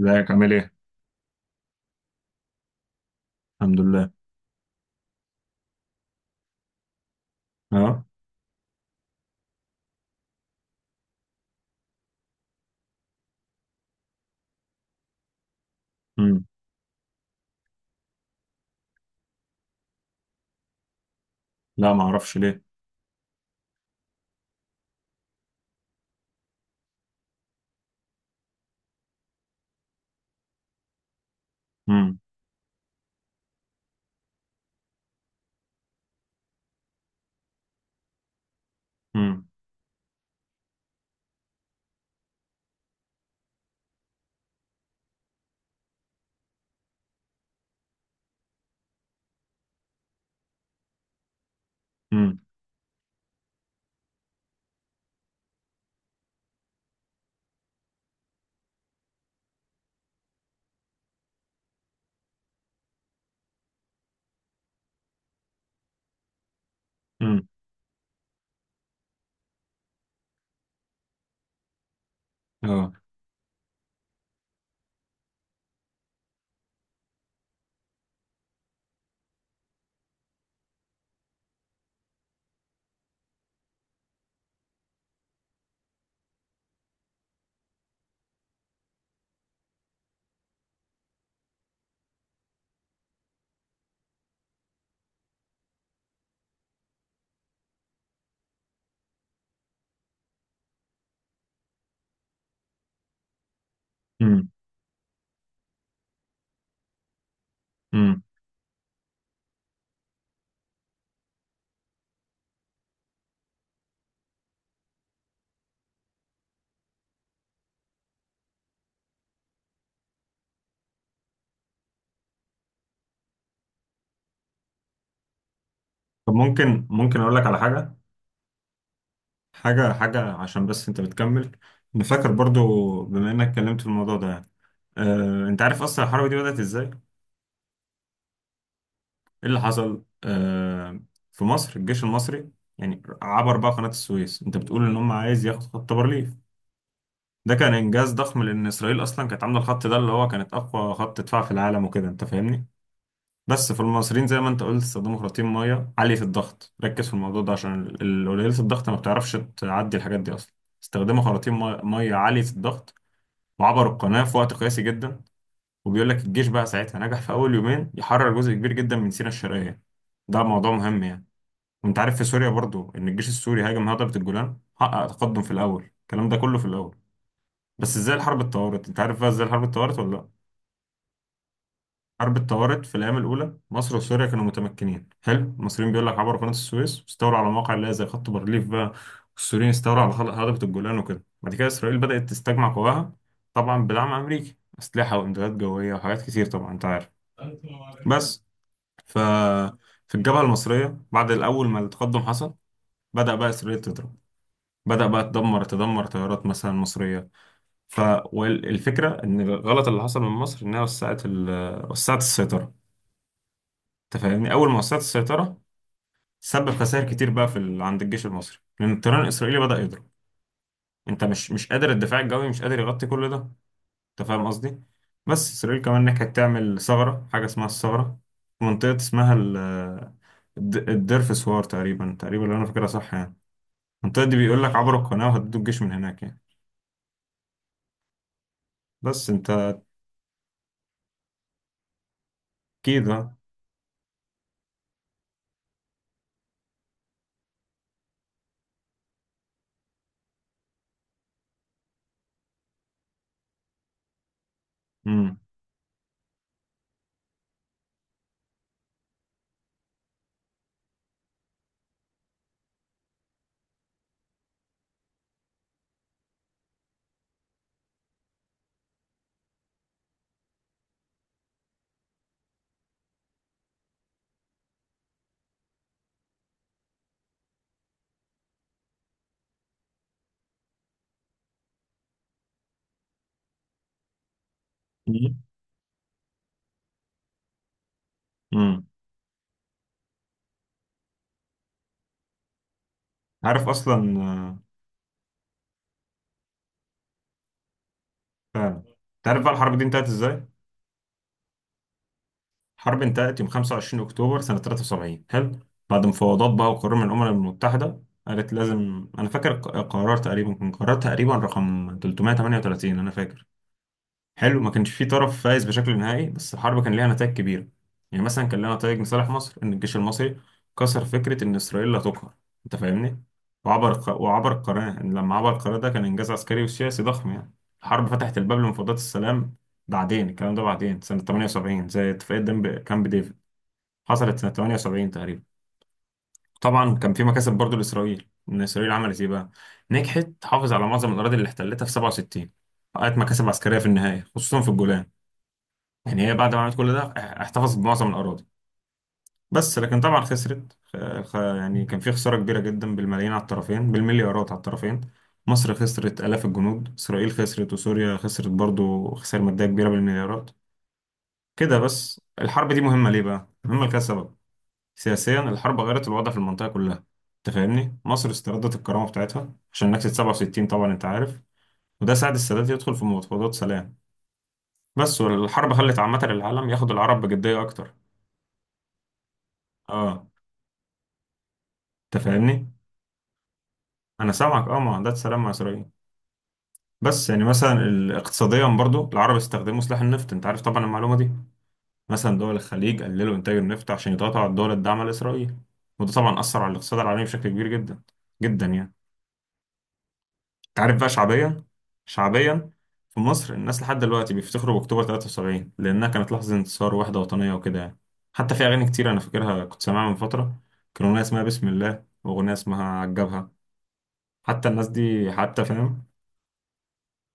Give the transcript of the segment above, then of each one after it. ازيك عامل ايه؟ الحمد لله. اه. امم. لا، ما اعرفش ليه. امم. امم. امم. امم. اه. امم. امم. طب، ممكن اقول لك على حاجه. حاجه عشان بس انت بتكمل. انا فاكر برضو، بما انك اتكلمت في الموضوع ده يعني. انت عارف اصلا الحرب دي بدأت ازاي؟ ايه اللي حصل؟ في مصر الجيش المصري يعني عبر بقى قناة السويس. انت بتقول ان هم عايز ياخد خط بارليف، ده كان انجاز ضخم لان اسرائيل اصلا كانت عامله الخط ده اللي هو كانت اقوى خط دفاع في العالم وكده، انت فاهمني؟ بس فالمصريين زي ما انت قلت استخدموا خراطيم ميه عاليه الضغط. ركز في الموضوع ده عشان قليله الضغط ما بتعرفش تعدي الحاجات دي اصلا. استخدموا خراطيم ميه عاليه الضغط، وعبروا القناه في وقت قياسي جدا. وبيقول لك الجيش بقى ساعتها نجح في اول يومين يحرر جزء كبير جدا من سيناء الشرقيه، ده موضوع مهم يعني. وانت عارف في سوريا برضو ان الجيش السوري هاجم هضبه الجولان، حقق تقدم في الاول، الكلام ده كله في الاول. بس ازاي الحرب اتطورت؟ انت عارف بقى ازاي الحرب اتطورت ولا لا؟ حرب الطوارئ في الأيام الأولى مصر وسوريا كانوا متمكنين حلو. المصريين بيقول لك عبروا قناة السويس واستولوا على مواقع اللي هي زي خط بارليف بقى. والسوريين استولوا على هضبة الجولان وكده. بعد كده إسرائيل بدأت تستجمع قواها، طبعا بدعم أمريكي، أسلحة وإمدادات جوية وحاجات كتير طبعا أنت عارف. بس ف في الجبهة المصرية بعد الأول ما التقدم حصل بدأ بقى إسرائيل تضرب. بدأ بقى تدمر طيارات مثلا مصرية. ف والفكرة إن الغلط اللي حصل من مصر إنها وسعت وسعت السيطرة. انت فاهمني اول ما وسعت السيطره سبب خسائر كتير بقى في عند الجيش المصري لان الطيران الاسرائيلي بدا يضرب. انت مش قادر، الدفاع الجوي مش قادر يغطي كل ده، انت فاهم قصدي؟ بس اسرائيل كمان نجحت تعمل ثغره، حاجه اسمها الثغره، في منطقه اسمها الدير في سوار، تقريبا تقريبا لو انا فاكرها صح يعني. المنطقه دي بيقول لك عبروا القناه وهددوا الجيش من هناك يعني. بس انت. اكيد، اه. امم. امم. عارف اصلا فعلا. انت عارف بقى الحرب دي انتهت ازاي؟ حرب انتهت يوم 25 أكتوبر سنة 73 حلو. بعد مفاوضات بقى وقرار من الأمم المتحدة قالت لازم، أنا فاكر قرار تقريبا كان قرار تقريبا رقم 338 أنا فاكر حلو. ما كانش في طرف فايز بشكل نهائي، بس الحرب كان ليها نتائج كبيرة. يعني مثلا كان لها نتائج لصالح مصر، إن الجيش المصري كسر فكرة إن إسرائيل لا تقهر، أنت فاهمني. وعبر القناة، إن لما عبر القناة ده كان إنجاز عسكري وسياسي ضخم يعني. الحرب فتحت الباب لمفاوضات السلام، بعدين الكلام ده بعدين سنة 78 زي اتفاقية كامب ديفيد حصلت سنة 78 تقريبا. طبعا كان في مكاسب برضو لإسرائيل، إن إسرائيل عملت إيه بقى. نجحت تحافظ على معظم الأراضي اللي احتلتها في 67، حققت مكاسب عسكرية في النهاية خصوصا في الجولان. يعني هي بعد ما عملت كل ده احتفظت بمعظم الأراضي. بس لكن طبعا خسرت يعني كان في خسارة كبيرة جدا بالملايين على الطرفين، بالمليارات على الطرفين. مصر خسرت آلاف الجنود، إسرائيل خسرت وسوريا خسرت برضو خسائر مادية كبيرة بالمليارات. كده بس الحرب دي مهمة ليه بقى؟ مهمة لكذا سبب. سياسيا الحرب غيرت الوضع في المنطقة كلها، انت فاهمني. مصر استردت الكرامة بتاعتها عشان نكسة 67 طبعا انت عارف. وده ساعد السادات يدخل في مفاوضات سلام. بس والحرب خلت عامة العالم ياخد العرب بجدية أكتر. اه. انت فاهمني. انا سامعك، اه، معاهدات سلام مع إسرائيل. بس يعني مثلا اقتصاديا برضو العرب استخدموا سلاح النفط، انت عارف طبعا المعلومة دي. مثلا دول الخليج قللوا انتاج النفط عشان يضغطوا على الدول الداعمة لإسرائيل. وده طبعا أثر على الاقتصاد العالمي بشكل كبير جدا، جدا يعني. تعرف بقى شعبيا. شعبيا في مصر الناس لحد دلوقتي بيفتخروا باكتوبر 73 لانها كانت لحظه انتصار وحده وطنيه وكده يعني. حتى في اغاني كتير انا فاكرها كنت سامعها من فتره. كان اغنيه اسمها بسم الله واغنيه اسمها عجبها. حتى الناس دي حتى فاهم.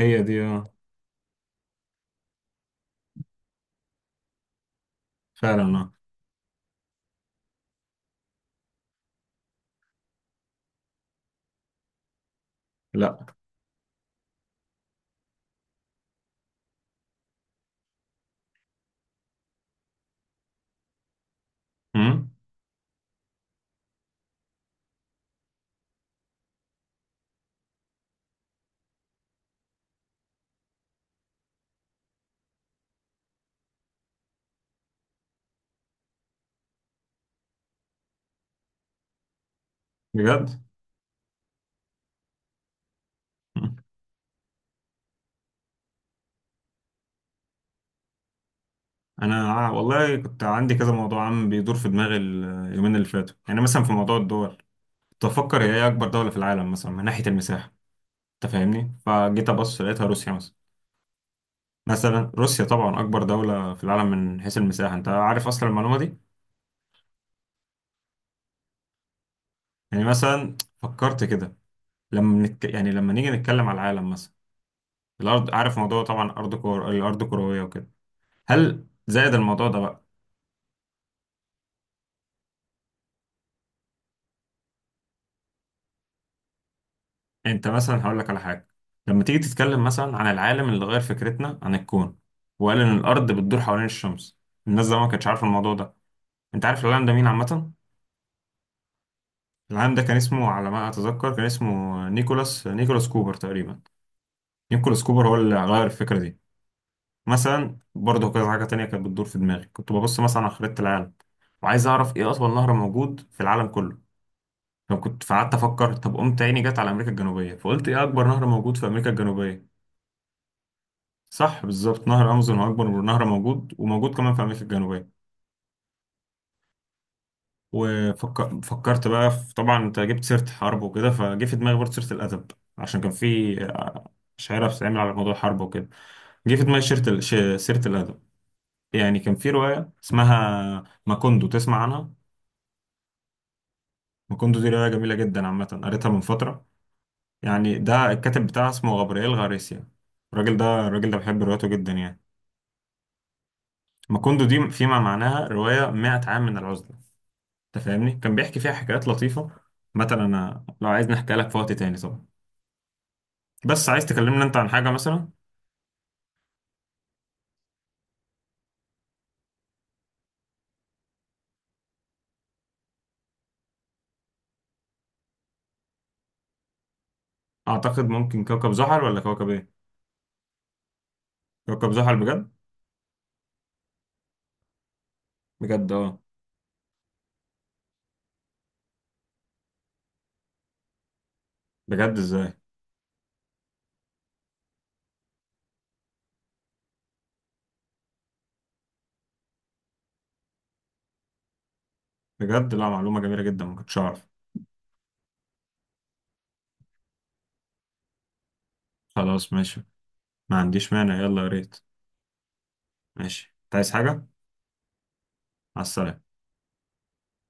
هي دي فعلا، اه. لا. امم. بجد. مم. انا والله كنت عندي كذا موضوع عم بيدور في دماغي اليومين اللي فاتوا، يعني مثلا في موضوع الدول. كنت بفكر هي ايه اكبر دوله في العالم مثلا من ناحيه المساحه؟ انت فاهمني، فجيت ابص لقيتها روسيا مثلا. مثلا روسيا طبعا اكبر دولة في العالم من حيث المساحة، انت عارف اصلا المعلومة دي. يعني مثلا فكرت كده. لما يعني لما نيجي نتكلم على العالم مثلا، الارض، عارف موضوع طبعا ارض الارض كروية وكده. هل زائد الموضوع ده بقى. انت مثلا هقول لك على حاجة، لما تيجي تتكلم مثلا عن العالم اللي غير فكرتنا عن الكون، وقال ان الارض بتدور حوالين الشمس. الناس زمان ما كانتش عارفة الموضوع ده. انت عارف العالم ده مين عامة؟ العالم ده كان اسمه على ما اتذكر، كان اسمه نيكولاس كوبر تقريبا. نيكولاس كوبر هو اللي غير الفكرة دي. مثلا برضه كذا حاجة تانية كانت بتدور في دماغي، كنت ببص مثلا على خريطة العالم، وعايز أعرف إيه أطول نهر موجود في العالم كله. فكنت فقعدت أفكر، طب قمت عيني جت على أمريكا الجنوبية، فقلت إيه أكبر نهر موجود في أمريكا الجنوبية؟ صح بالظبط، نهر أمازون هو أكبر نهر موجود وموجود كمان في أمريكا الجنوبية. وفكرت بقى في، طبعا أنت جبت سيرة حرب وكده، فجه في دماغي برضه سيرة الأدب. عشان كان في شعيرة بتتعمل على موضوع الحرب وكده. جه في دماغي سيرة سيرة الأدب. يعني كان في رواية اسمها ماكوندو، تسمع عنها؟ مكوندو دي رواية جميلة جدا عامة قريتها من فترة. يعني ده الكاتب بتاعها اسمه غابرييل غاريسيا. الراجل ده بحب رواياته جدا يعني. مكوندو دي فيما معناها رواية 100 عام من العزلة. انت فاهمني، كان بيحكي فيها حكايات لطيفة. مثلا انا لو عايز نحكي لك في وقت تاني طبعا، بس عايز تكلمنا انت عن حاجة مثلا. اعتقد ممكن كوكب زحل ولا كوكب ايه؟ كوكب زحل بجد؟ بجد، اه. بجد، ازاي؟ بجد، لا، معلومة جميلة جدا ما كنتش اعرف. خلاص ماشي. ما عنديش مانع، يلا يا ريت. ماشي، انت عايز حاجة؟ مع السلامة.